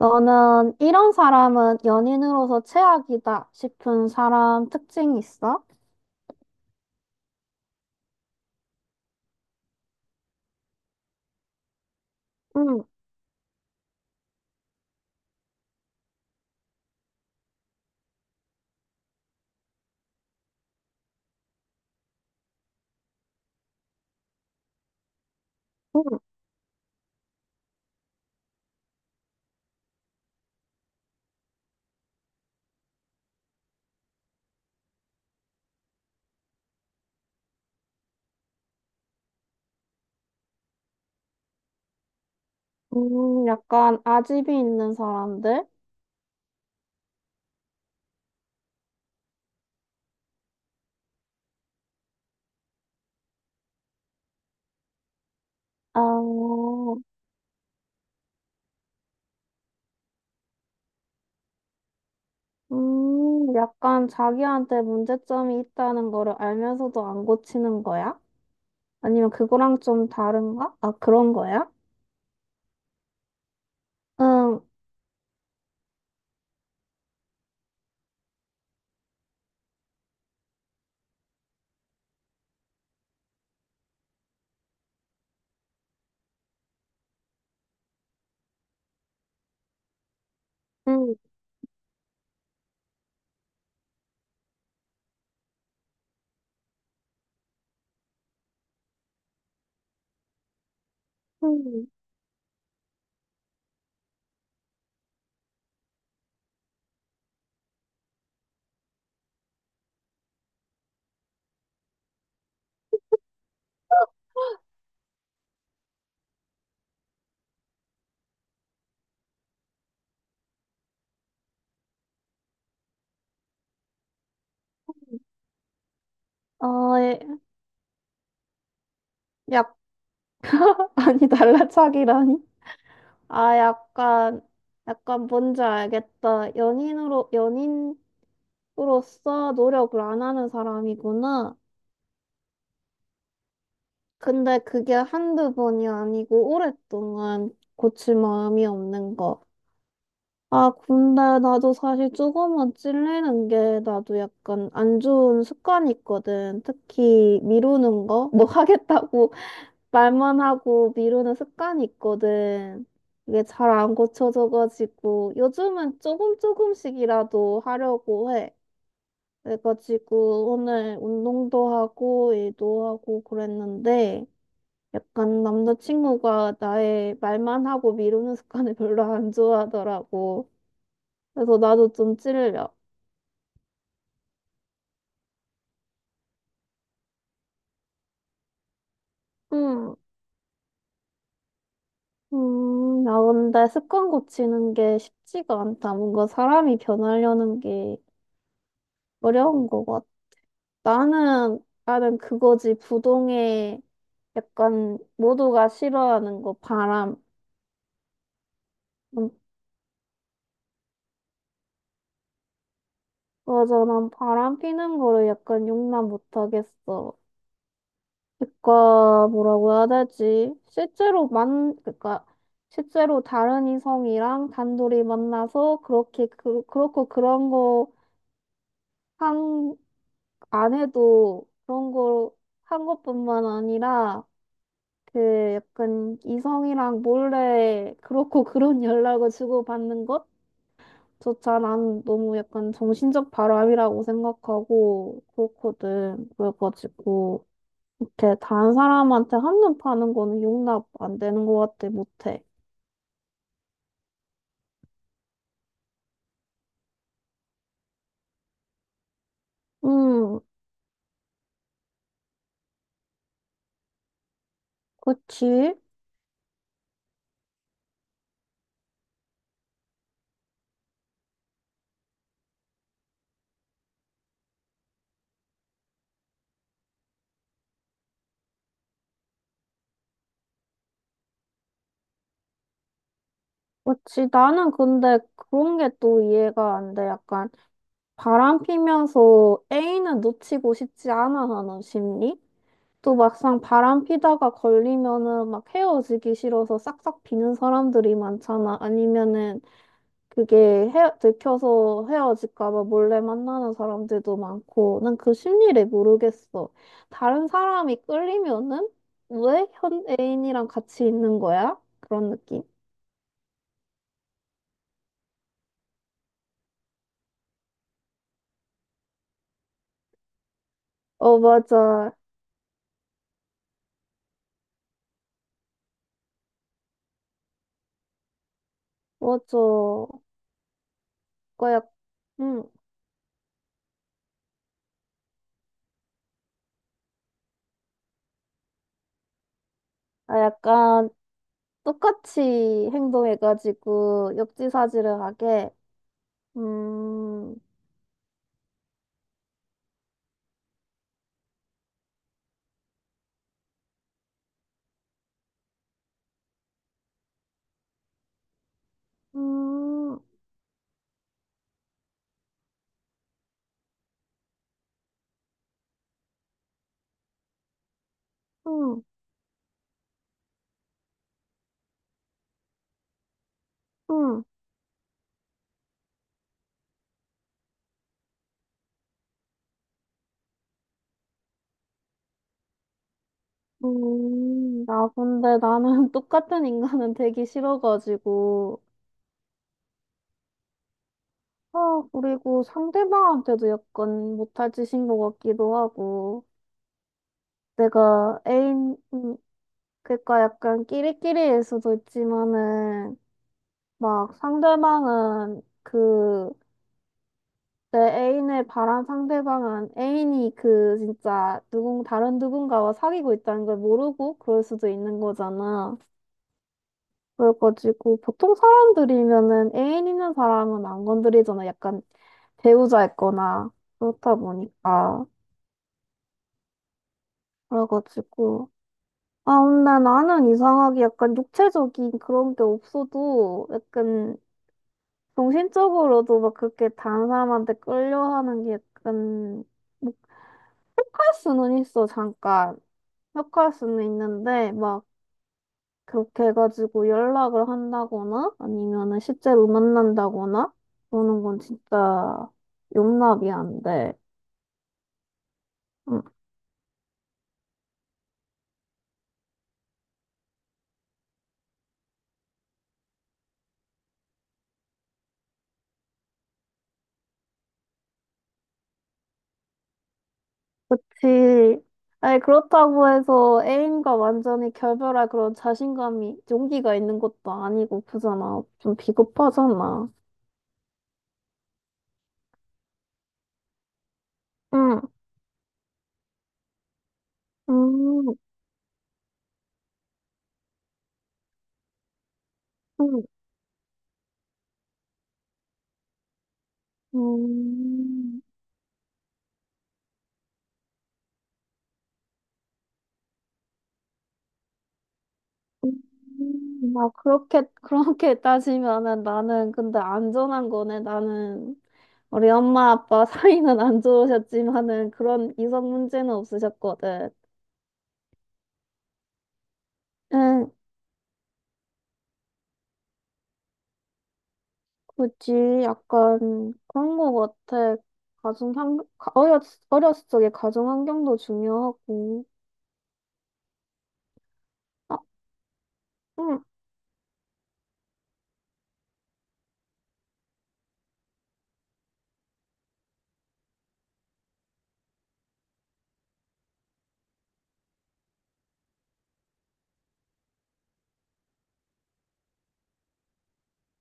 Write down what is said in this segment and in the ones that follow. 너는 이런 사람은 연인으로서 최악이다 싶은 사람 특징 있어? 응. 응. 약간 아집이 있는 사람들? 아. 약간 자기한테 문제점이 있다는 거를 알면서도 안 고치는 거야? 아니면 그거랑 좀 다른가? 아, 그런 거야? 응. 응. 응. 어. 예. 약, 아니, 달라차기라니? 아, 약간 뭔지 알겠다. 연인으로서 노력을 안 하는 사람이구나. 근데 그게 한두 번이 아니고 오랫동안 고칠 마음이 없는 거. 아, 근데 나도 사실 조금만 찔리는 게 나도 약간 안 좋은 습관이 있거든. 특히 미루는 거? 뭐 하겠다고 말만 하고 미루는 습관이 있거든. 이게 잘 안 고쳐져가지고 요즘은 조금씩이라도 하려고 해. 그래가지고 오늘 운동도 하고 일도 하고 그랬는데 약간 남자친구가 나의 말만 하고 미루는 습관을 별로 안 좋아하더라고. 그래서 나도 좀 찔려. 음, 나 근데 습관 고치는 게 쉽지가 않다. 뭔가 사람이 변하려는 게 어려운 거 같아. 나는, 나는 그거지. 부동의 약간 모두가 싫어하는 거, 바람. 음, 맞아. 난 바람 피는 거를 약간 용납 못 하겠어. 그니까, 뭐라고 해야 되지? 실제로 실제로 다른 이성이랑 단둘이 만나서 그렇게, 그렇고 그런 거 한, 안 해도 그런 거 한 것뿐만 아니라 그 약간 이성이랑 몰래 그렇고 그런 연락을 주고받는 것조차 난 너무 약간 정신적 바람이라고 생각하고 그렇거든. 그래가지고 이렇게 다른 사람한테 한눈 파는 거는 용납 안 되는 것 같아. 못해. 음, 그치. 그치. 나는 근데 그런 게 또 이해가 안 돼. 약간 바람 피면서 애인은 놓치고 싶지 않아 하는 심리? 또 막상 바람 피다가 걸리면은 막 헤어지기 싫어서 싹싹 비는 사람들이 많잖아. 아니면은 그게 들켜서 헤어질까 봐 몰래 만나는 사람들도 많고. 난 그 심리를 모르겠어. 다른 사람이 끌리면은 왜 현 애인이랑 같이 있는 거야? 그런 느낌? 어, 맞아. 맞아. 그거 약, 음, 아, 약간 똑같이 행동해가지고 역지사지를 하게. 음. 음. 음. 음. 음. 나 근데 나는 똑같은 인간은 되기 싫어가지고. 아, 그리고 상대방한테도 약간 못할 짓인 것 같기도 하고. 내가 애인, 음, 그러니까 약간 끼리끼리일 수도 있지만은, 막 상대방은 내 애인을 바란 상대방은 애인이 그 진짜 다른 누군가와 사귀고 있다는 걸 모르고 그럴 수도 있는 거잖아. 그래가지고 보통 사람들이면은 애인 있는 사람은 안 건드리잖아. 약간 배우자였거나 그렇다 보니까. 그래가지고. 아, 근데 나는 이상하게 약간 육체적인 그런 게 없어도 약간 정신적으로도 막 그렇게 다른 사람한테 끌려하는 게 약간 못 갈 수는 있어, 잠깐. 못 갈 수는 있는데, 막 그렇게 해가지고 연락을 한다거나 아니면은 실제로 만난다거나 그러는 건 진짜 용납이 안 돼. 음, 그치. 아니, 그렇다고 해서 애인과 완전히 결별할 그런 자신감이, 용기가 있는 것도 아니고, 그잖아. 좀 비겁하잖아. 응. 음. 음. 음. 음. 막 그렇게 따지면은 나는 근데 안전한 거네, 나는. 우리 엄마 아빠 사이는 안 좋으셨지만은 그런 이성 문제는 없으셨거든. 응, 그치. 약간 그런 거 같아. 가정 환경, 어렸을 적에 가정 환경도 중요하고. 아, 응.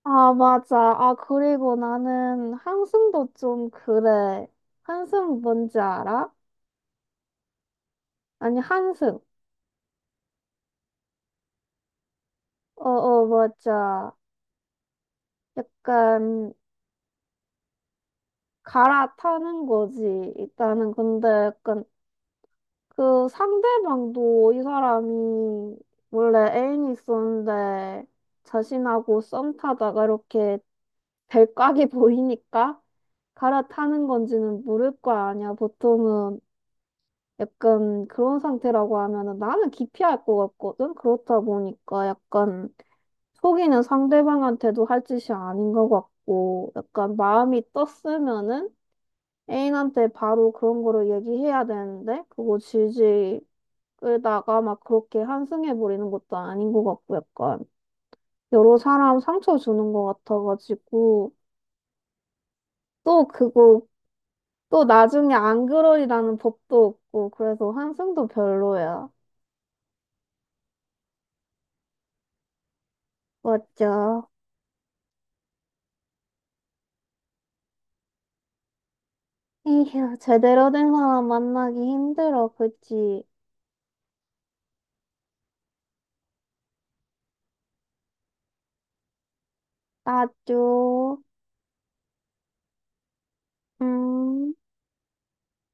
아, 맞아. 아, 그리고 나는 한숨도 좀 그래. 한숨 뭔지 알아? 아니, 한숨. 어, 어, 맞아. 약간 갈아타는 거지. 일단은 근데 약간 그 상대방도 이 사람이 원래 애인이 있었는데 자신하고 썸 타다가 이렇게 별각이 보이니까 갈아타는 건지는 모를 거 아니야. 보통은 약간 그런 상태라고 하면은 나는 기피할 것 같거든. 그렇다 보니까 약간 속이는 상대방한테도 할 짓이 아닌 것 같고 약간 마음이 떴으면은 애인한테 바로 그런 거를 얘기해야 되는데 그거 질질 끌다가 막 그렇게 한승해 버리는 것도 아닌 것 같고 약간 여러 사람 상처 주는 것 같아가지고 또 그거 또 나중에 안 그러리라는 법도 없고 그래서 한승도 별로야. 맞죠? 에휴, 제대로 된 사람 만나기 힘들어 그치? 맞죠? 음.